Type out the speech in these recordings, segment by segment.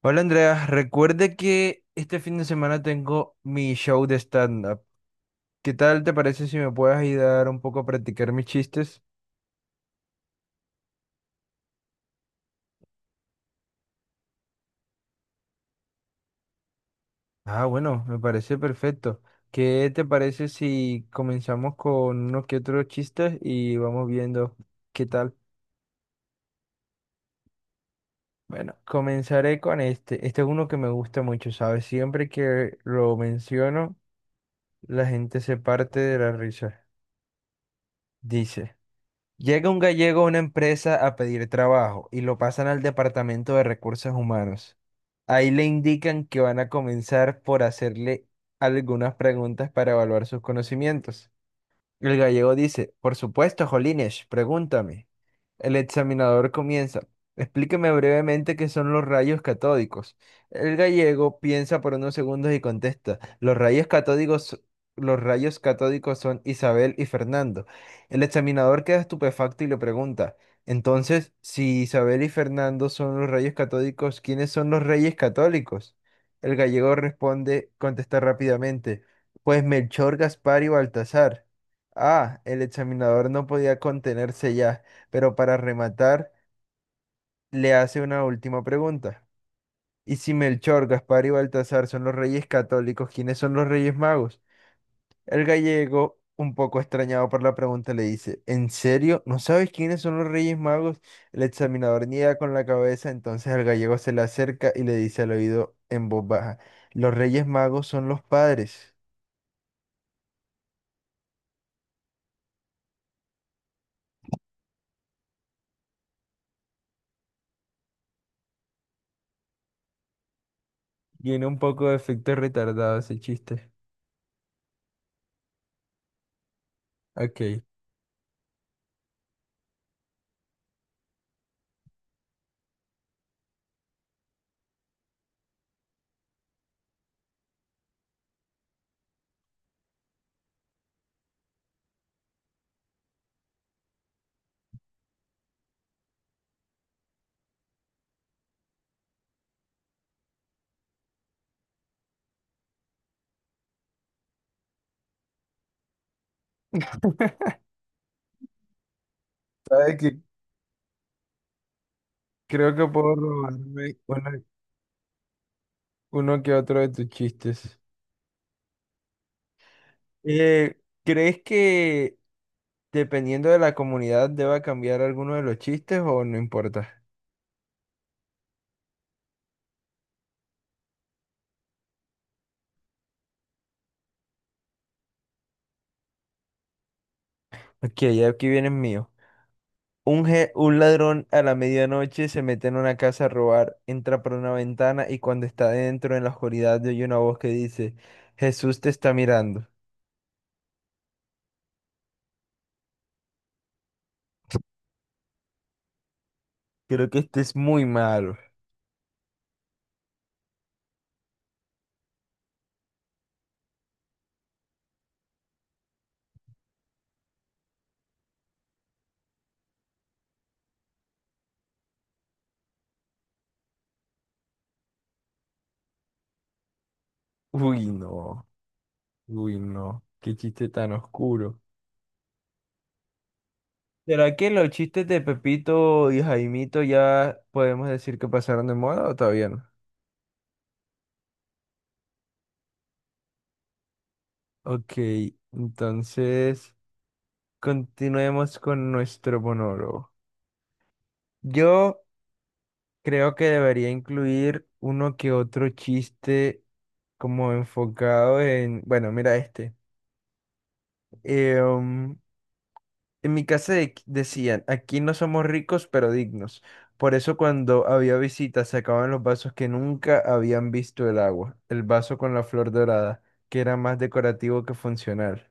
Hola Andrea, recuerde que este fin de semana tengo mi show de stand-up. ¿Qué tal te parece si me puedes ayudar un poco a practicar mis chistes? Ah, bueno, me parece perfecto. ¿Qué te parece si comenzamos con unos que otros chistes y vamos viendo qué tal? Bueno, comenzaré con este. Este es uno que me gusta mucho, ¿sabes? Siempre que lo menciono, la gente se parte de la risa. Dice. Llega un gallego a una empresa a pedir trabajo y lo pasan al departamento de recursos humanos. Ahí le indican que van a comenzar por hacerle algunas preguntas para evaluar sus conocimientos. El gallego dice, por supuesto, Jolines, pregúntame. El examinador comienza, explíqueme brevemente qué son los rayos catódicos. El gallego piensa por unos segundos y contesta, los rayos catódicos son Isabel y Fernando. El examinador queda estupefacto y le pregunta, entonces, si Isabel y Fernando son los rayos catódicos, ¿quiénes son los reyes católicos? El gallego responde, contesta rápidamente, pues Melchor, Gaspar y Baltasar. Ah, el examinador no podía contenerse ya, pero para rematar, le hace una última pregunta. ¿Y si Melchor, Gaspar y Baltasar son los reyes católicos, quiénes son los reyes magos? El gallego, un poco extrañado por la pregunta, le dice, ¿en serio? ¿No sabes quiénes son los reyes magos? El examinador niega con la cabeza, entonces el gallego se le acerca y le dice al oído en voz baja, los reyes magos son los padres. Tiene un poco de efecto retardado ese chiste. Ok. ¿Sabes qué? Creo que puedo robarme una- uno que otro de tus chistes. Eh, ¿Crees que dependiendo de la comunidad deba cambiar alguno de los chistes o no importa? Ok, aquí viene el mío. Un ladrón a la medianoche se mete en una casa a robar, entra por una ventana y cuando está dentro en la oscuridad oye una voz que dice, Jesús te está mirando. Creo que este es muy malo. Uy, no. Uy, no. Qué chiste tan oscuro. ¿Será que los chistes de Pepito y Jaimito ya podemos decir que pasaron de moda o todavía no? Ok, entonces continuemos con nuestro monólogo. Yo creo que debería incluir uno que otro chiste como enfocado en, bueno, mira este. em, En mi decían, aquí no somos ricos, pero dignos. Por eso cuando había visitas sacaban los vasos que nunca habían visto el agua, el vaso con la flor dorada, que era más decorativo que funcional.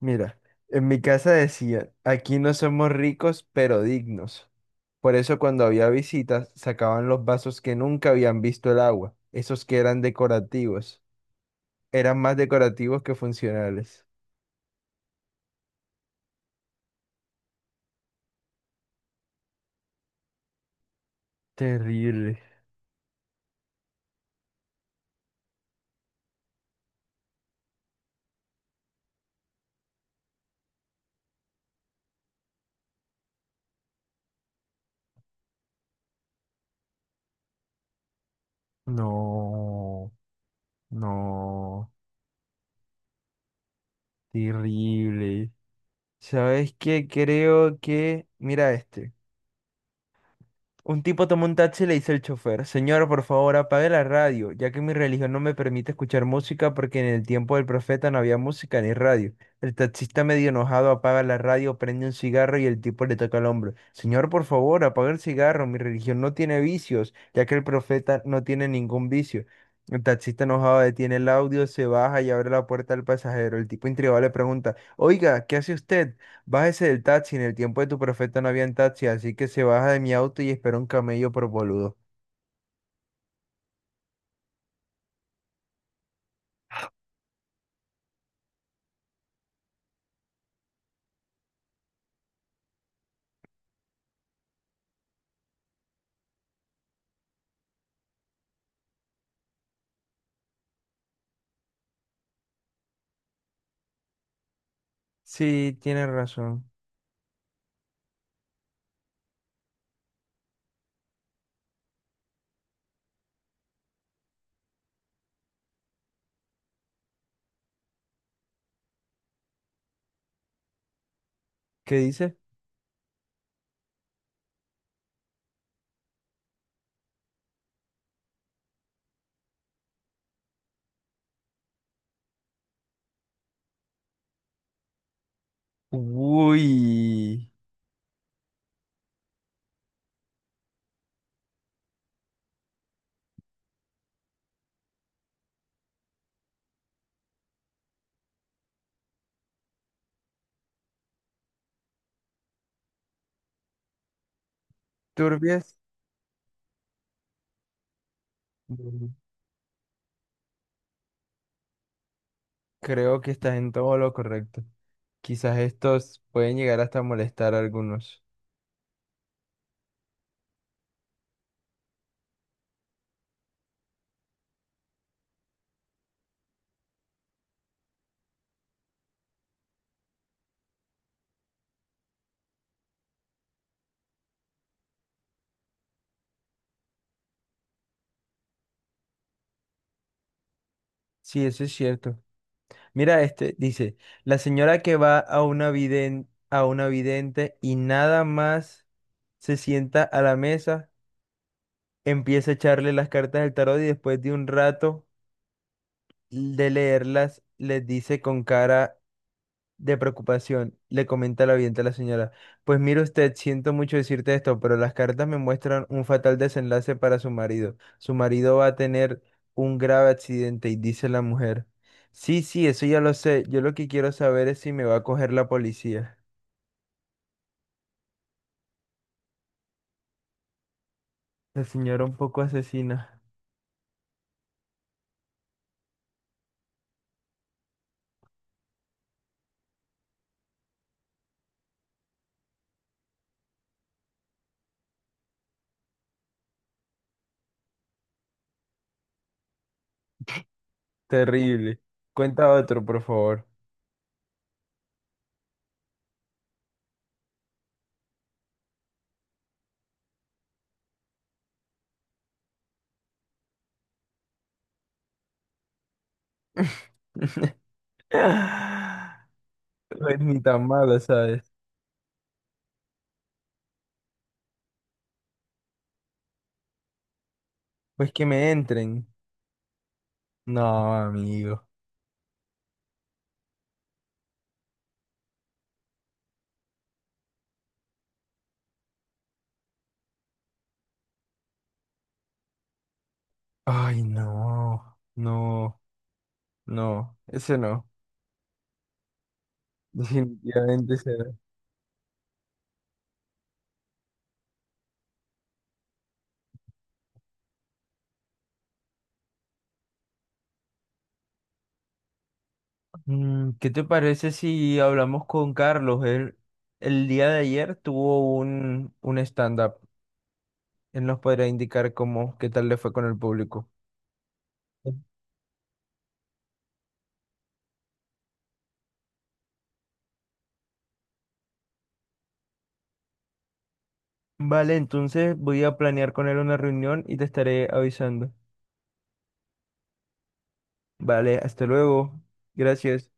Mira, en mi casa decían, aquí no somos ricos, pero dignos. Por eso cuando había visitas sacaban los vasos que nunca habían visto el agua, esos que eran decorativos, eran más decorativos que funcionales. Terrible. No, no. Terrible. ¿Sabes qué? Creo que, mira este. Un tipo tomó un taxi y le dice al chofer, señor, por favor, apague la radio, ya que mi religión no me permite escuchar música porque en el tiempo del profeta no había música ni radio. El taxista medio enojado apaga la radio, prende un cigarro y el tipo le toca el hombro. Señor, por favor, apague el cigarro, mi religión no tiene vicios, ya que el profeta no tiene ningún vicio. El taxista enojado detiene el audio, se baja y abre la puerta al pasajero. El tipo intrigado le pregunta, oiga, ¿qué hace usted? Bájese del taxi, en el tiempo de tu profeta no había taxi, así que se baja de mi auto y espera un camello por boludo. Sí, tienes razón. ¿Qué dice? Uy, turbias. Mm, creo que estás en todo lo correcto. Quizás estos pueden llegar hasta molestar a algunos. Sí, eso es cierto. Mira, este dice, la señora que va a una a una vidente y nada más se sienta a la mesa, empieza a echarle las cartas del tarot y después de un rato de leerlas, les dice con cara de preocupación, le comenta la vidente a la señora, pues mire usted, siento mucho decirte esto, pero las cartas me muestran un fatal desenlace para su marido. Su marido va a tener un grave accidente, y dice la mujer. Sí, sí, eso ya lo sé. Yo lo que quiero saber es si me va a coger la policía. La señora un poco asesina. Terrible. Cuenta otro, por favor. No es ni tan malo, ¿sabes? Pues que me entren. No, amigo. Ay, no, no, no, ese no. Definitivamente ese no. Mm, ¿qué te parece si hablamos con Carlos? Él el día de ayer tuvo un stand-up. Él nos podrá indicar cómo, qué tal le fue con el público. Vale, entonces voy a planear con él una reunión y te estaré avisando. Vale, hasta luego. Gracias.